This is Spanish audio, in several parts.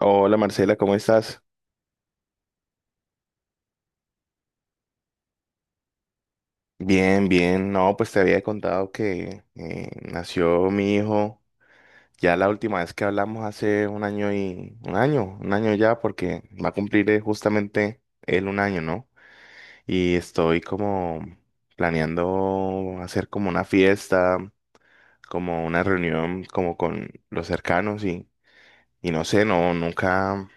Hola Marcela, ¿cómo estás? Bien, bien. No, pues te había contado que nació mi hijo. Ya la última vez que hablamos hace un año y un año ya, porque va a cumplir justamente él un año, ¿no? Y estoy como planeando hacer como una fiesta, como una reunión, como con los cercanos y no sé, no, nunca,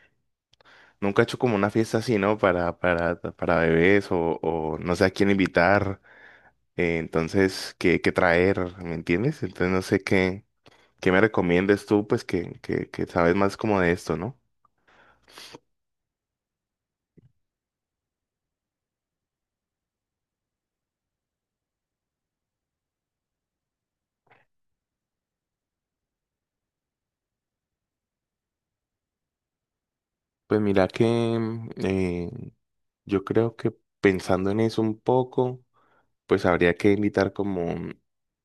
nunca he hecho como una fiesta así, ¿no? Para bebés o no sé a quién invitar. Entonces, ¿qué traer? ¿Me entiendes? Entonces, no sé qué me recomiendes tú, pues que sabes más como de esto, ¿no? Pues mira que yo creo que pensando en eso un poco, pues habría que invitar como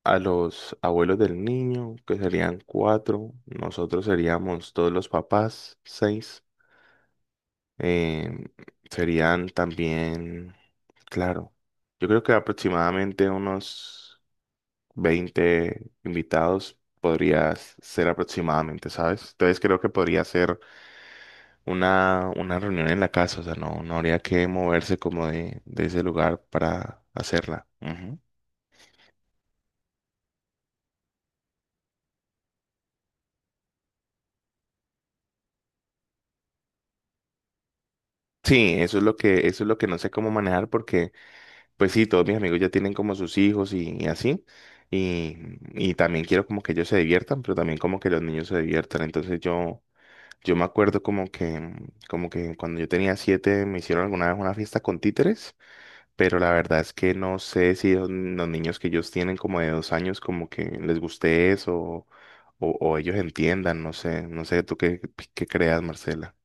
a los abuelos del niño, que serían cuatro, nosotros seríamos todos los papás, seis, eh, serían también, claro, yo creo que aproximadamente unos 20 invitados podrías ser aproximadamente, ¿sabes? Entonces creo que podría ser una reunión en la casa, o sea, no, no habría que moverse como de ese lugar para hacerla. Ujú. Sí, eso es lo que no sé cómo manejar porque, pues sí, todos mis amigos ya tienen como sus hijos y así. Y, y también quiero como que ellos se diviertan, pero también como que los niños se diviertan. Entonces yo me acuerdo como que cuando yo tenía 7 me hicieron alguna vez una fiesta con títeres. Pero la verdad es que no sé si los niños que ellos tienen como de 2 años como que les guste eso o ellos entiendan, no sé, no sé tú qué creas, Marcela.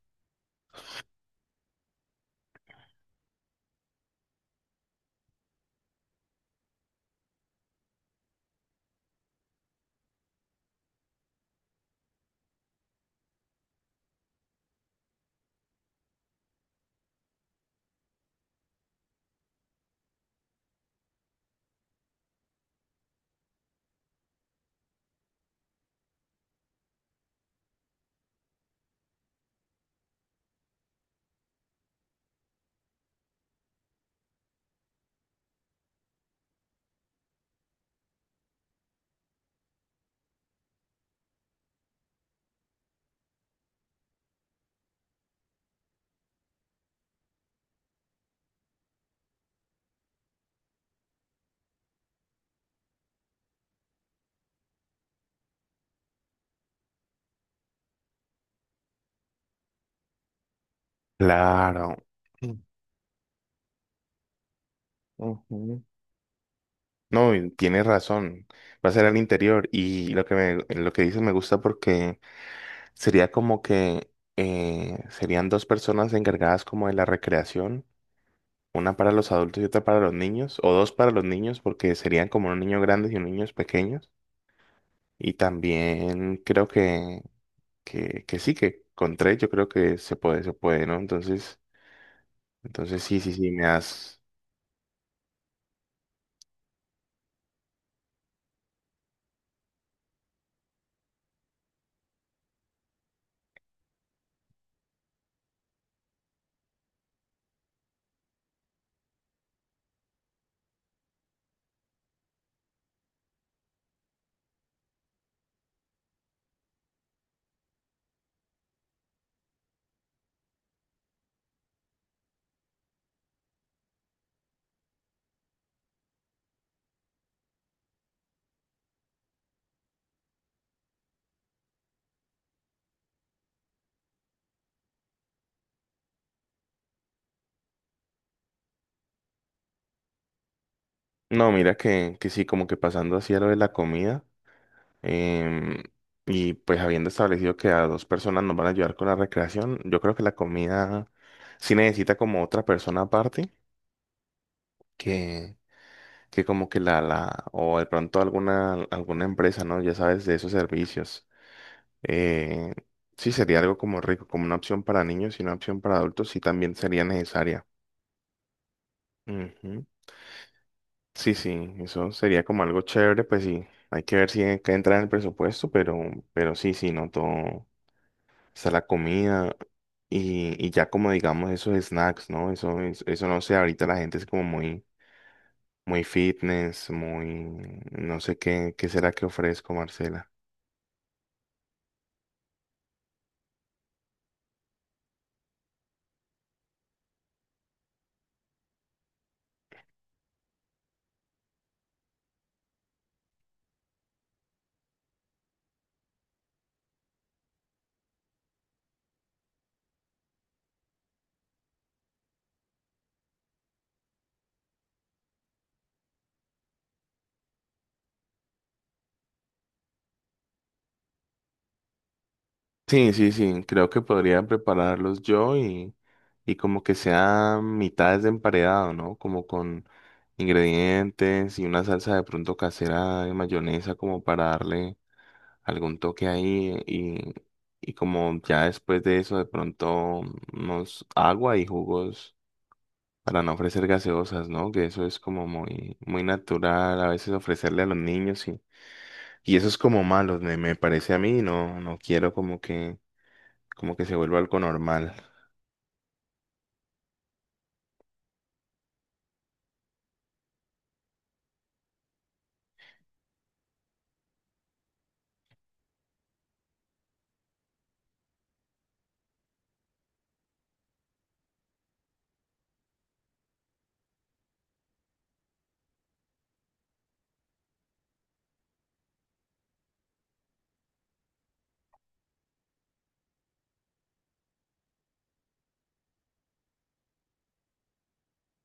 Claro. Ujú. No, y tienes razón. Va a ser al interior. Y lo que dices me gusta porque sería como que serían dos personas encargadas como de la recreación, una para los adultos y otra para los niños, o dos para los niños, porque serían como unos niños grandes y unos niños pequeños. Y también creo que sí, que con tres yo creo que se puede, ¿no? Entonces sí, sí, sí, me has... No, mira que sí, como que pasando así a lo de la comida, em, y pues habiendo establecido que a dos personas nos van a ayudar con la recreación, yo creo que la comida sí necesita como otra persona aparte, que, que como que o de pronto alguna empresa, ¿no? Ya sabes, de esos servicios. Eh, sí, sería algo como rico, como una opción para niños y una opción para adultos, sí también sería necesaria. Ujú. Sí, sí, eso sería como algo chévere, pues sí, hay que ver si que entra en el presupuesto, pero sí, sí, no todo, está la comida y ya como digamos esos snacks, ¿no? Eso, no sé, ahorita la gente es como muy, muy fitness, muy, no sé qué será que ofrezco, Marcela. Sí, sí, sí, creo que podría prepararlos yo y como que sea mitades de emparedado, ¿no? Como con ingredientes y una salsa de pronto casera de mayonesa como para darle algún toque ahí y como ya después de eso de pronto unos agua y jugos para no ofrecer gaseosas, ¿no? Que eso es como muy, muy natural a veces ofrecerle a los niños y eso es como malo, me parece a mí, no, no quiero como que se vuelva algo normal.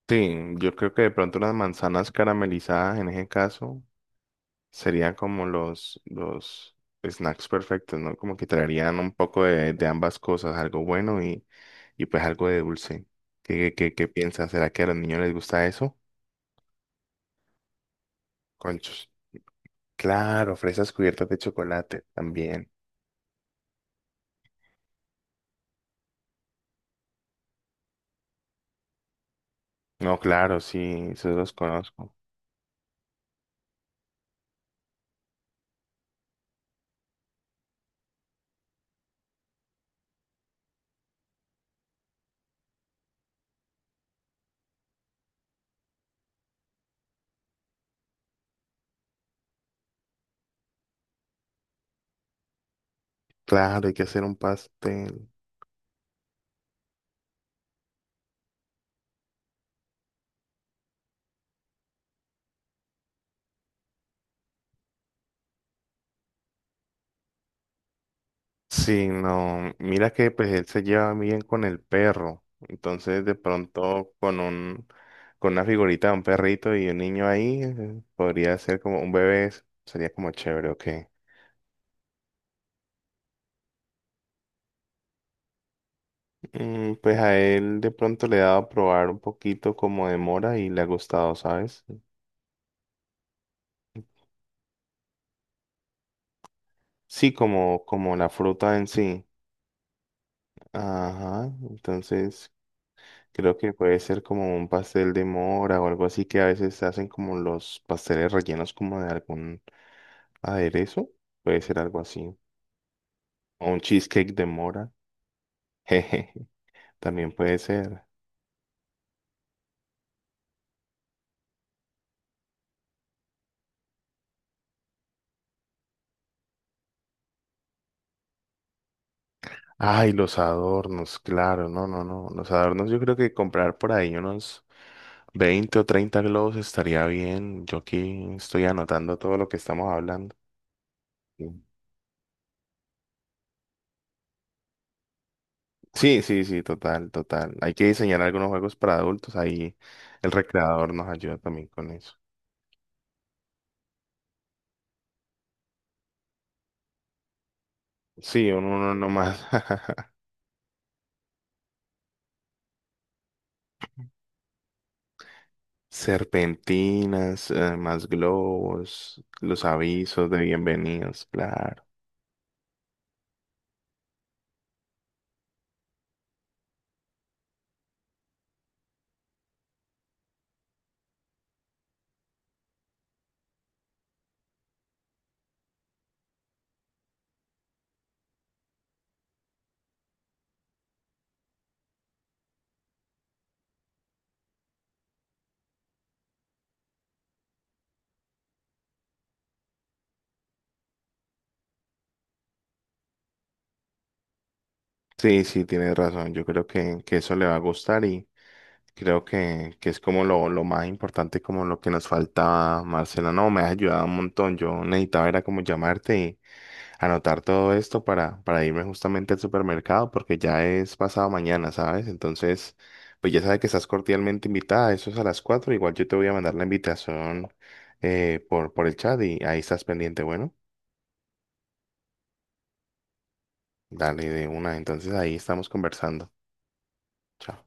Sí, yo creo que de pronto las manzanas caramelizadas en ese caso serían como los snacks perfectos, ¿no? Como que traerían un poco de ambas cosas, algo bueno y pues algo de dulce. ¿Qué piensas? ¿Será que a los niños les gusta eso? Conchos. Claro, fresas cubiertas de chocolate también. No, claro, sí, esos los conozco. Claro, hay que hacer un pastel. Sí, no, mira que pues él se lleva bien con el perro, entonces de pronto con una figurita de un perrito y un niño ahí, podría ser como un bebé, sería como chévere, ok. Pues a él de pronto le he dado a probar un poquito como de mora y le ha gustado, ¿sabes? Sí, como la fruta en sí. Ajá, entonces creo que puede ser como un pastel de mora o algo así que a veces hacen como los pasteles rellenos como de algún aderezo. Puede ser algo así. O un cheesecake de mora. Jeje, también puede ser. Ay, los adornos, claro, no, no, no. Los adornos yo creo que comprar por ahí unos 20 o 30 globos estaría bien. Yo aquí estoy anotando todo lo que estamos hablando. Sí, sí, sí, total, total. Hay que diseñar algunos juegos para adultos. Ahí el recreador nos ayuda también con eso. Sí, uno, uno no más. Serpentinas, más globos, los avisos de bienvenidos, claro. Sí, sí, tienes razón. Yo creo que eso le va a gustar y creo que es como lo más importante, como lo que nos faltaba, Marcela. No, me has ayudado un montón. Yo necesitaba era como llamarte y anotar todo esto para irme justamente al supermercado porque ya es pasado mañana, ¿sabes? Entonces, pues ya sabes que estás cordialmente invitada. Eso es a las 4:00. Igual yo te voy a mandar la invitación por el chat y ahí estás pendiente. Bueno, dale de una. Entonces ahí estamos conversando. Chao.